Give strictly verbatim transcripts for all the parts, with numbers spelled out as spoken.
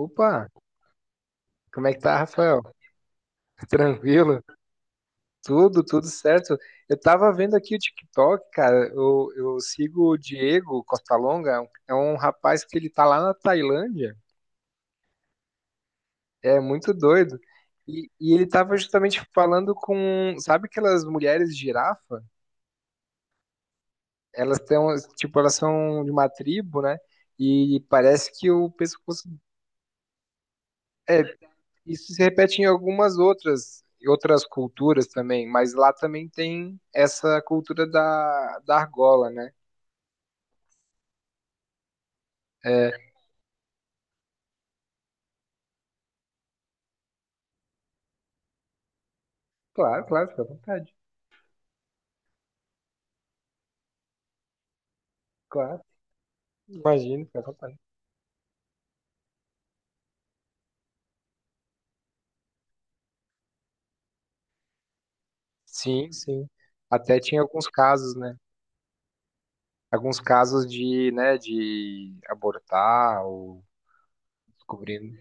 Opa, como é que tá, Rafael? Tranquilo? Tudo, tudo certo. Eu tava vendo aqui o TikTok, cara. Eu, eu sigo o Diego Costa Longa, é um é um rapaz que ele tá lá na Tailândia. É muito doido. E, e ele tava justamente falando com, sabe aquelas mulheres girafa? Elas têm, um- tipo, elas são de uma tribo, né? E parece que o pescoço é. Isso se repete em algumas outras outras culturas também, mas lá também tem essa cultura da, da argola, né? É, claro, claro, fica à vontade. Claro, imagino, fica à vontade. Sim, sim. Até tinha alguns casos, né? Alguns casos de, né, de abortar ou descobrindo.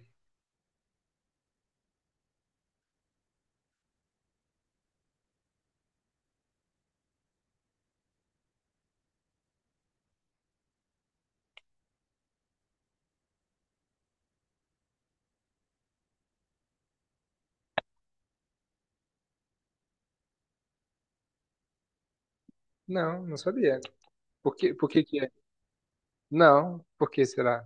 Não, não sabia. Por que, por que que é? Não, por que será?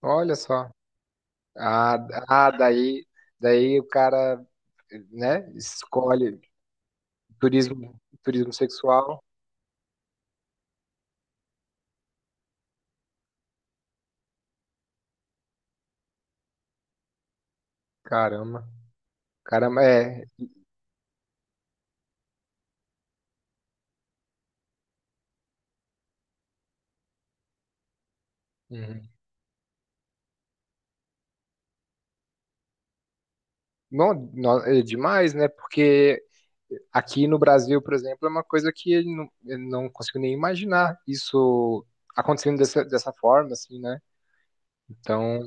Olha só. Ah, ah, daí, daí o cara, né, escolhe. Turismo, turismo sexual, caramba. Caramba, é. Uhum. Não, não, é demais, né? Porque aqui no Brasil, por exemplo, é uma coisa que eu não, eu não consigo nem imaginar isso acontecendo dessa, dessa forma, assim, né? Então,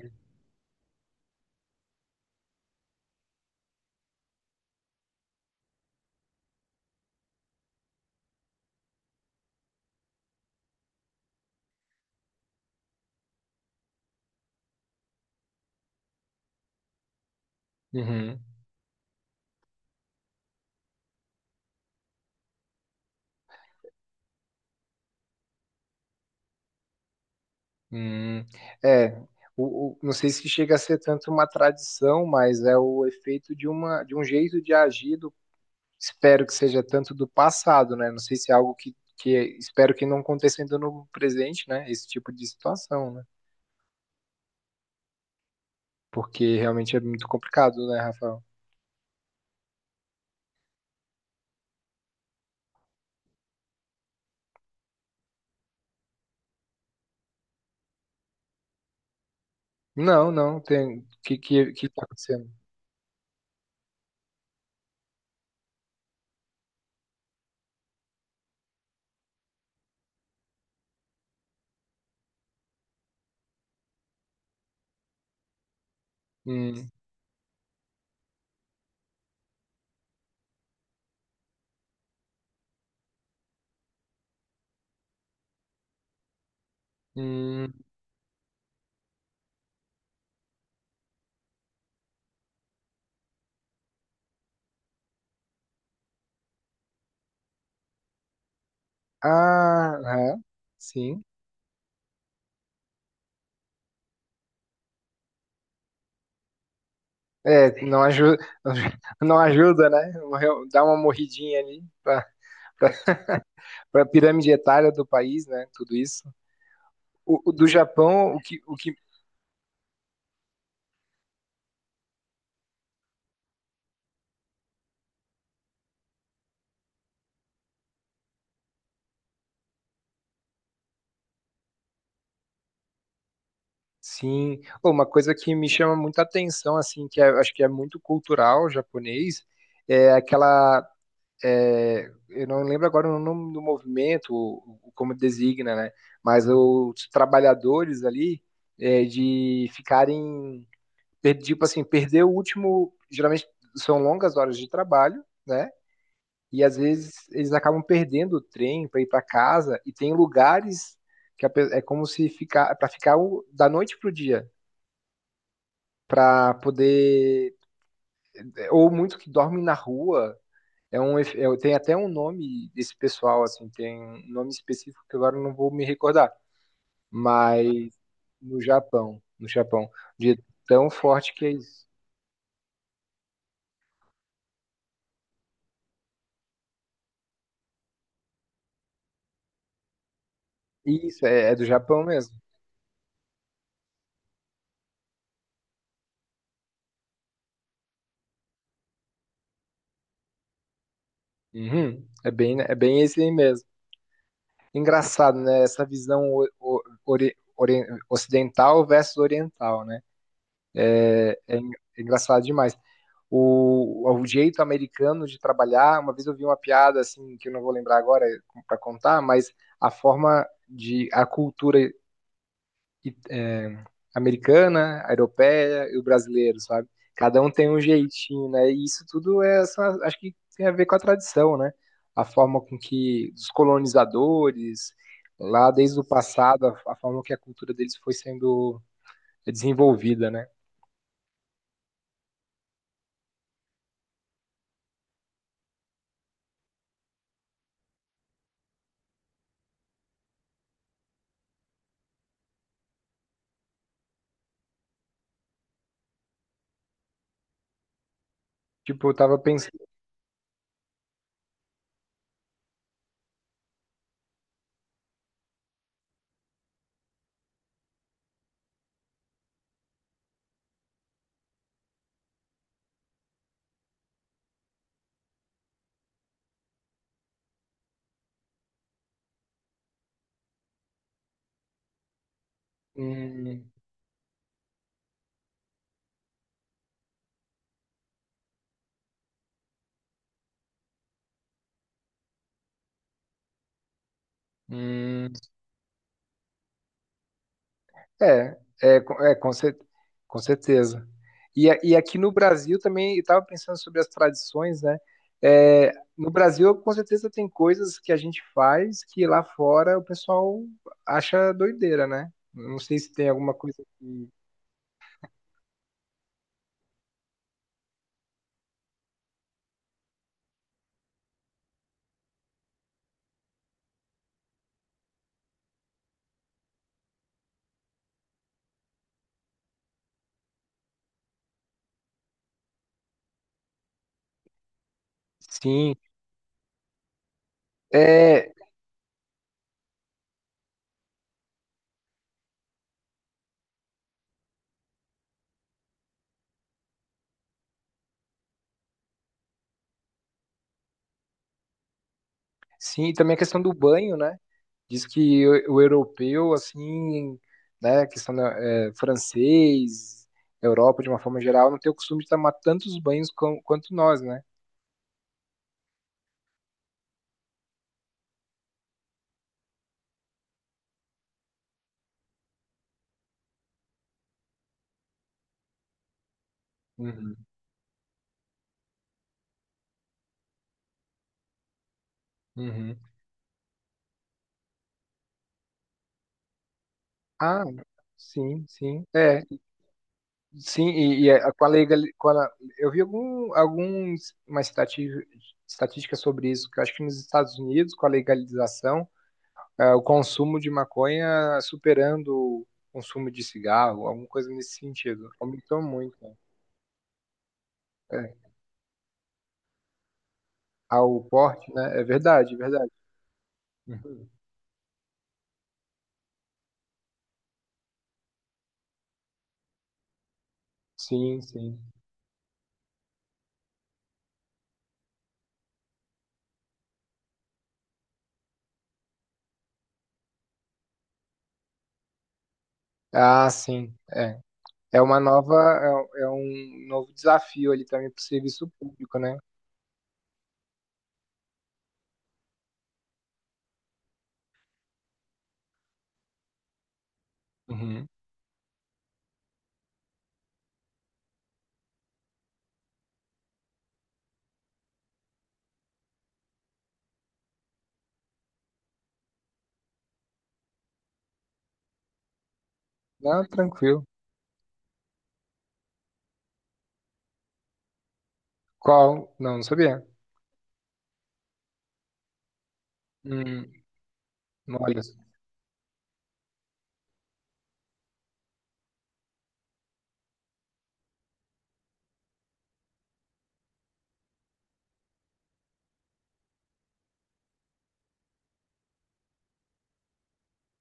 uhum, uhum. É, o, o- não sei se chega a ser tanto uma tradição, mas é o efeito de uma, de um jeito de agir. Espero que seja tanto do passado, né? Não sei se é algo que, que é, espero que não aconteça ainda no presente, né? Esse tipo de situação, né? Porque realmente é muito complicado, né, Rafael? Não, não, tem. O que, que, que tá acontecendo? Hum, hum, ah, é, sim. É, não ajuda, não ajuda, né? Morreu- Dá uma morridinha ali para a pirâmide etária do país, né? Tudo isso. O, o do Japão, o que, o que. Sim, ô, uma coisa que me chama muita atenção, assim, que é- acho que é muito cultural japonês, é aquela, é, eu não lembro agora o nome do movimento, o- o- como designa, né? Mas os trabalhadores ali, é, de ficarem, per- tipo assim, perder o último, geralmente são longas horas de trabalho, né? E às vezes eles acabam perdendo o trem para ir para casa, e tem lugares que a pe- é como se ficar, para ficar o- da noite pro dia para poder. É, ou muito que dorme na rua. É um, efe- é- tem até um nome desse pessoal, assim, tem um nome específico que agora eu não vou me recordar. Mas no Japão, no Japão, de tão forte que é isso. Isso, é, é do Japão mesmo. Uhum, é bem, é bem esse aí mesmo. Engraçado, né? Essa visão o- o- ori- ori- ocidental versus oriental, né? É, é en- é engraçado demais. O, o jeito americano de trabalhar. Uma vez eu vi uma piada assim que eu não vou lembrar agora para contar, mas a forma de a cultura i- é, americana, a europeia e o brasileiro, sabe? Cada um tem um jeitinho, né? E isso tudo é, só- acho que tem a ver com a tradição, né? A forma com que os colonizadores lá desde o passado, a, a forma que a cultura deles foi sendo desenvolvida, né? Tipo, eu tava pensando, hum, hum. É, é, co- é com, cer- com certeza. E, a- e aqui no Brasil também, eu estava pensando sobre as tradições, né? É, no Brasil, com certeza, tem coisas que a gente faz que lá fora o pessoal acha doideira, né? Não sei se tem alguma coisa que. Sim, é, sim, e também a questão do banho, né? Diz que o, o europeu, assim, né? A questão da- é, francês, Europa de uma forma geral, não tem o costume de tomar tantos banhos com- quanto nós, né? Uhum. Uhum. Ah, sim, sim. É, sim, e, e a- com a legal, com a- eu vi algum, alguns uma estati- estatística sobre isso, que eu acho que nos Estados Unidos, com a legalização, é, o consumo de maconha superando o consumo de cigarro, alguma coisa nesse sentido. Aumentou muito, né? É, ao porte, né? É verdade, é verdade. Uhum. Sim, sim. Ah, sim. É, é uma nova, é, é um novo desafio ali também para o serviço público, né? Uhum. Não, tranquilo. Qual? Não, não sabia. Hum, olha.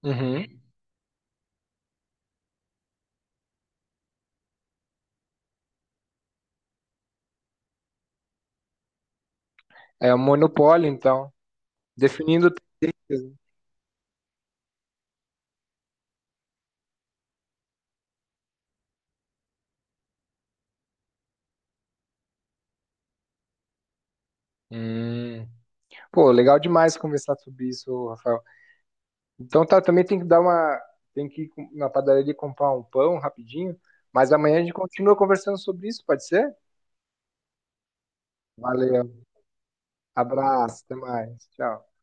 Uhum. É um monopólio, então. Definindo tendências. Hum. Pô, legal demais conversar sobre isso, Rafael. Então tá, também tem que dar uma. Tem que ir com- na padaria comprar um pão rapidinho. Mas amanhã a gente continua conversando sobre isso, pode ser? Valeu. Abraço, até mais. Tchau.